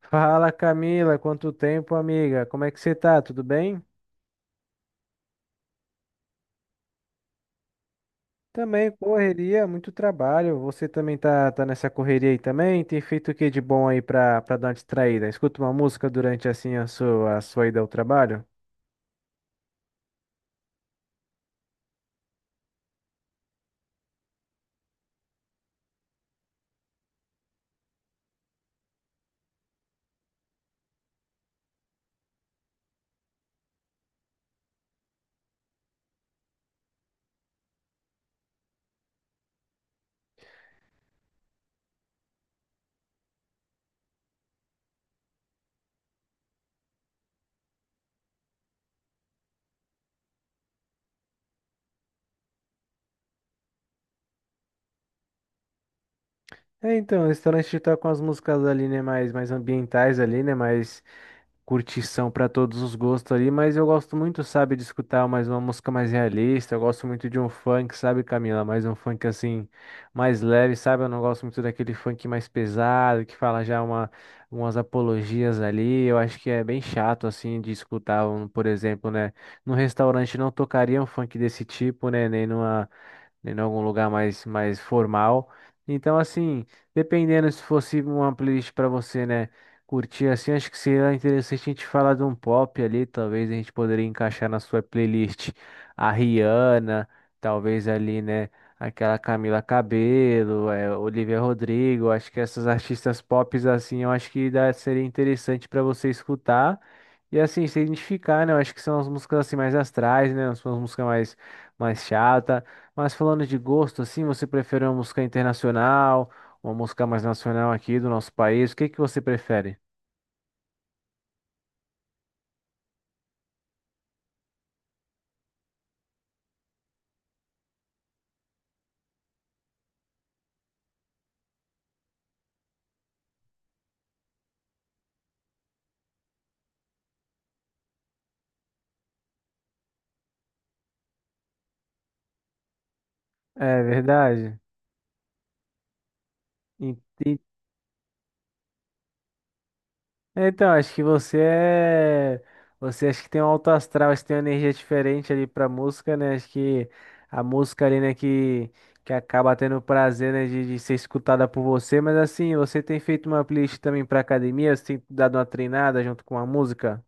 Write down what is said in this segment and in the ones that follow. Fala, Camila, quanto tempo, amiga? Como é que você tá? Tudo bem? Também correria, muito trabalho. Você também tá nessa correria aí também? Tem feito o que de bom aí pra dar uma distraída? Escuta uma música durante assim a a sua ida ao trabalho? É, então, o restaurante tá com as músicas ali, né, mais ambientais ali, né, mais curtição para todos os gostos ali, mas eu gosto muito, sabe, de escutar mais uma música mais realista. Eu gosto muito de um funk, sabe, Camila? Mais um funk assim, mais leve, sabe? Eu não gosto muito daquele funk mais pesado, que fala já umas apologias ali. Eu acho que é bem chato, assim, de escutar, um, por exemplo, né? Num restaurante não tocaria um funk desse tipo, né? Nem numa, né, em algum lugar mais formal. Então, assim, dependendo se fosse uma playlist para você, né, curtir assim, acho que seria interessante a gente falar de um pop ali, talvez a gente poderia encaixar na sua playlist a Rihanna, talvez ali, né, aquela Camila Cabello, é, Olivia Rodrigo, acho que essas artistas pops assim, eu acho que dá, seria interessante para você escutar. E assim, se identificar, né? Eu acho que são as músicas assim mais astrais, né? São as músicas mais chata. Mas falando de gosto, assim, você prefere uma música internacional, uma música mais nacional aqui do nosso país? O que que você prefere? É verdade. En- en- Então, acho que você é. Você acha que tem um alto astral, acho que tem uma energia diferente ali pra música, né? Acho que a música ali, né, que acaba tendo o prazer, né, de ser escutada por você. Mas assim, você tem feito uma playlist também pra academia? Você tem dado uma treinada junto com a música?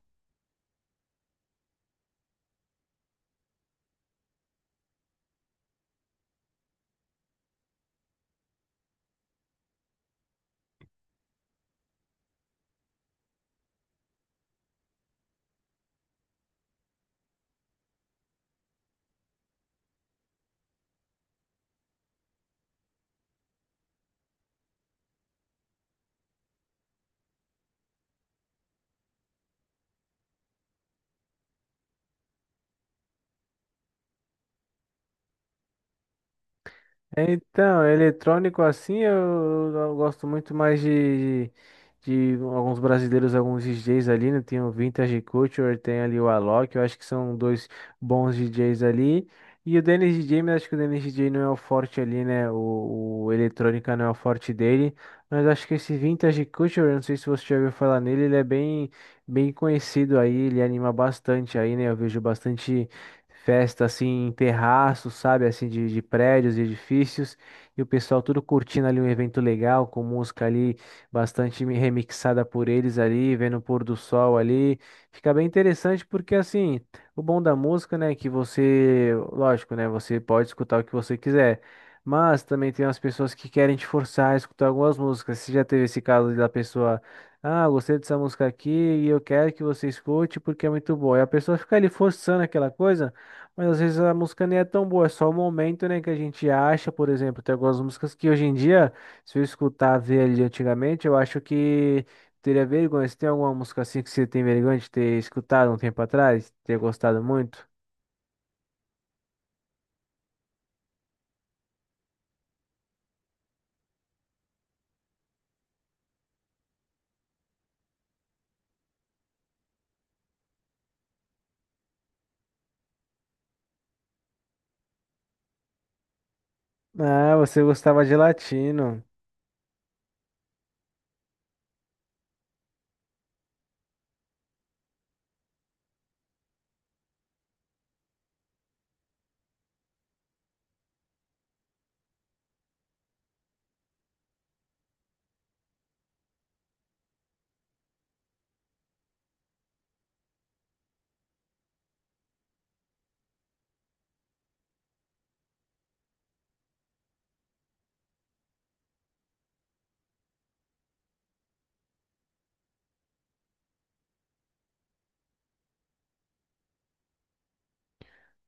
É, então, é eletrônico assim, eu gosto muito mais de alguns brasileiros, alguns DJs ali, né? Tem o Vintage Culture, tem ali o Alok, eu acho que são dois bons DJs ali. E o Dennis DJ, mas acho que o Dennis DJ não é o forte ali, né? O eletrônica não é o forte dele. Mas acho que esse Vintage Culture, eu não sei se você já ouviu falar nele, ele é bem, bem conhecido aí, ele anima bastante aí, né? Eu vejo bastante. Festa assim em terraços, sabe? Assim de prédios e edifícios. E o pessoal tudo curtindo ali um evento legal, com música ali bastante remixada por eles ali, vendo o pôr do sol ali. Fica bem interessante porque assim, o bom da música, né, é que você, lógico, né, você pode escutar o que você quiser. Mas também tem umas pessoas que querem te forçar a escutar algumas músicas. Você já teve esse caso da pessoa: ah, gostei dessa música aqui e eu quero que você escute porque é muito boa. E a pessoa fica ali forçando aquela coisa. Mas às vezes a música nem é tão boa, é só o momento, né, que a gente acha, por exemplo, tem algumas músicas que hoje em dia, se eu escutar ver ali antigamente, eu acho que teria vergonha. Você tem alguma música assim que você tem vergonha de ter escutado um tempo atrás, ter gostado muito? Ah, você gostava de latino.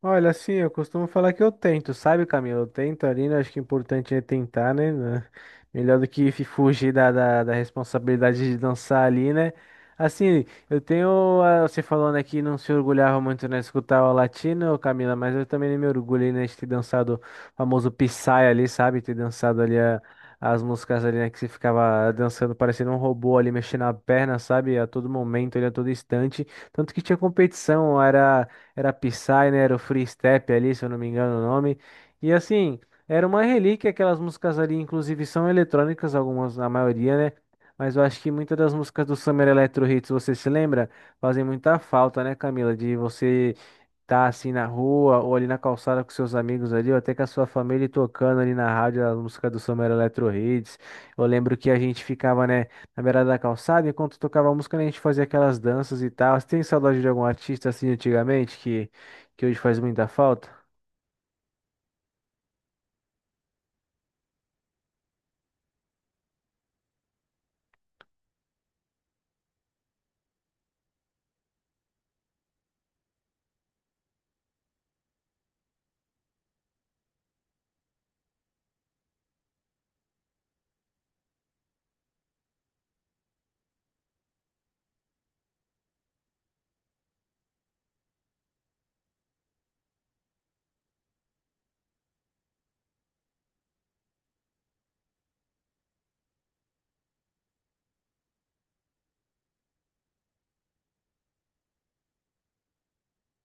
Olha, assim, eu costumo falar que eu tento, sabe, Camilo? Eu tento ali, né? Acho que o importante é tentar, né? Né? Melhor do que fugir da responsabilidade de dançar ali, né? Assim, eu tenho. Ah, você falando aqui, não se orgulhava muito, né, de escutar o latino, Camila, mas eu também me orgulhei, né, de ter dançado o famoso Psy ali, sabe? Ter dançado ali as músicas ali, né? Que você ficava dançando parecendo um robô ali, mexendo a perna, sabe? A todo momento, ali, a todo instante. Tanto que tinha competição, era. Era Psy, né? Era o Free Step ali, se eu não me engano o nome. E assim, era uma relíquia, aquelas músicas ali, inclusive são eletrônicas, algumas, a maioria, né? Mas eu acho que muitas das músicas do Summer Electro Hits, você se lembra? Fazem muita falta, né, Camila? De você tá assim na rua ou ali na calçada com seus amigos ali, ou até com a sua família e tocando ali na rádio a música do Summer Electro Hits. Eu lembro que a gente ficava, né, na beirada da calçada, enquanto tocava a música, né, a gente fazia aquelas danças e tal. Você tem saudade de algum artista assim antigamente que hoje faz muita falta?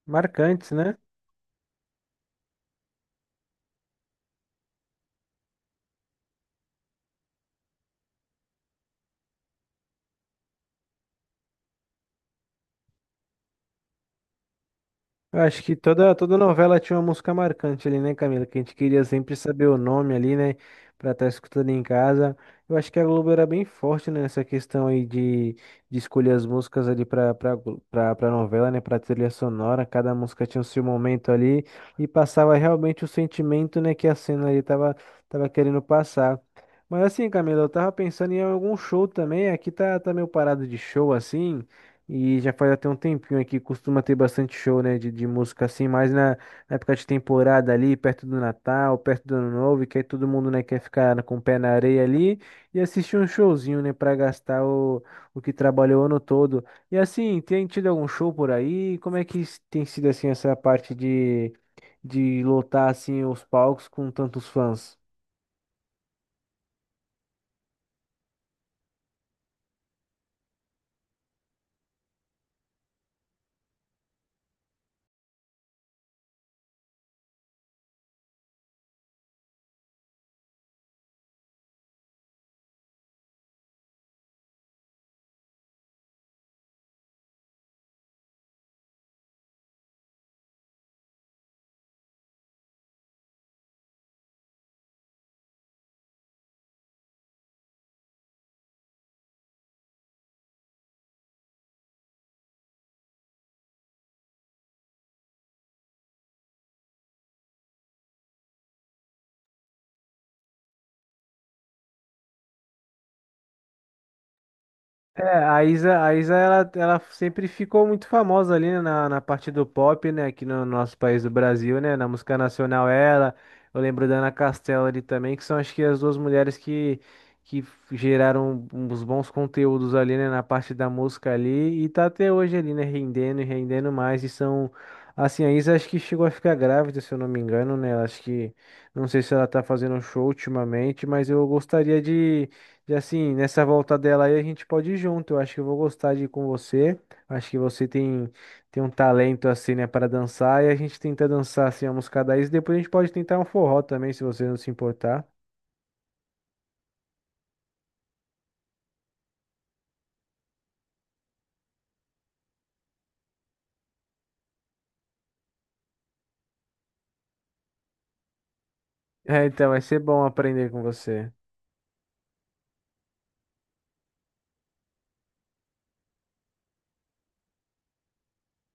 Marcantes, né? Eu acho que toda novela tinha uma música marcante ali, né, Camila? Que a gente queria sempre saber o nome ali, né? Pra estar escutando em casa. Eu acho que a Globo era bem forte, né, nessa questão aí de escolher as músicas ali pra novela, né? Pra trilha sonora. Cada música tinha o seu momento ali e passava realmente o sentimento, né, que a cena ali tava querendo passar. Mas assim, Camila, eu tava pensando em algum show também. Aqui tá meio parado de show, assim. E já faz até um tempinho aqui, costuma ter bastante show, né, de música assim, mas na época de temporada ali, perto do Natal, perto do Ano Novo, e que aí todo mundo, né, quer ficar com o pé na areia ali e assistir um showzinho, né, pra gastar o que trabalhou o ano todo. E assim, tem tido algum show por aí? Como é que tem sido, assim, essa parte de lotar, assim, os palcos com tantos fãs? É, a Isa ela, ela sempre ficou muito famosa ali, né, na parte do pop, né? Aqui no nosso país do Brasil, né? Na música nacional ela. Eu lembro da Ana Castela ali também, que são acho que as duas mulheres que geraram uns bons conteúdos ali, né? Na parte da música ali. E tá até hoje ali, né? Rendendo e rendendo mais. E são. Assim, a Isa acho que chegou a ficar grávida, se eu não me engano, né? Acho que. Não sei se ela tá fazendo show ultimamente, mas eu gostaria de. E assim, nessa volta dela aí a gente pode ir junto. Eu acho que eu vou gostar de ir com você. Acho que você tem, tem um talento assim, né, para dançar. E a gente tenta dançar assim a música daí. E depois a gente pode tentar um forró também, se você não se importar. É, então vai ser bom aprender com você.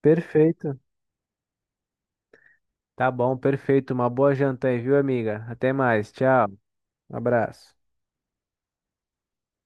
Perfeito. Tá bom, perfeito. Uma boa janta aí, viu, amiga? Até mais. Tchau. Um abraço.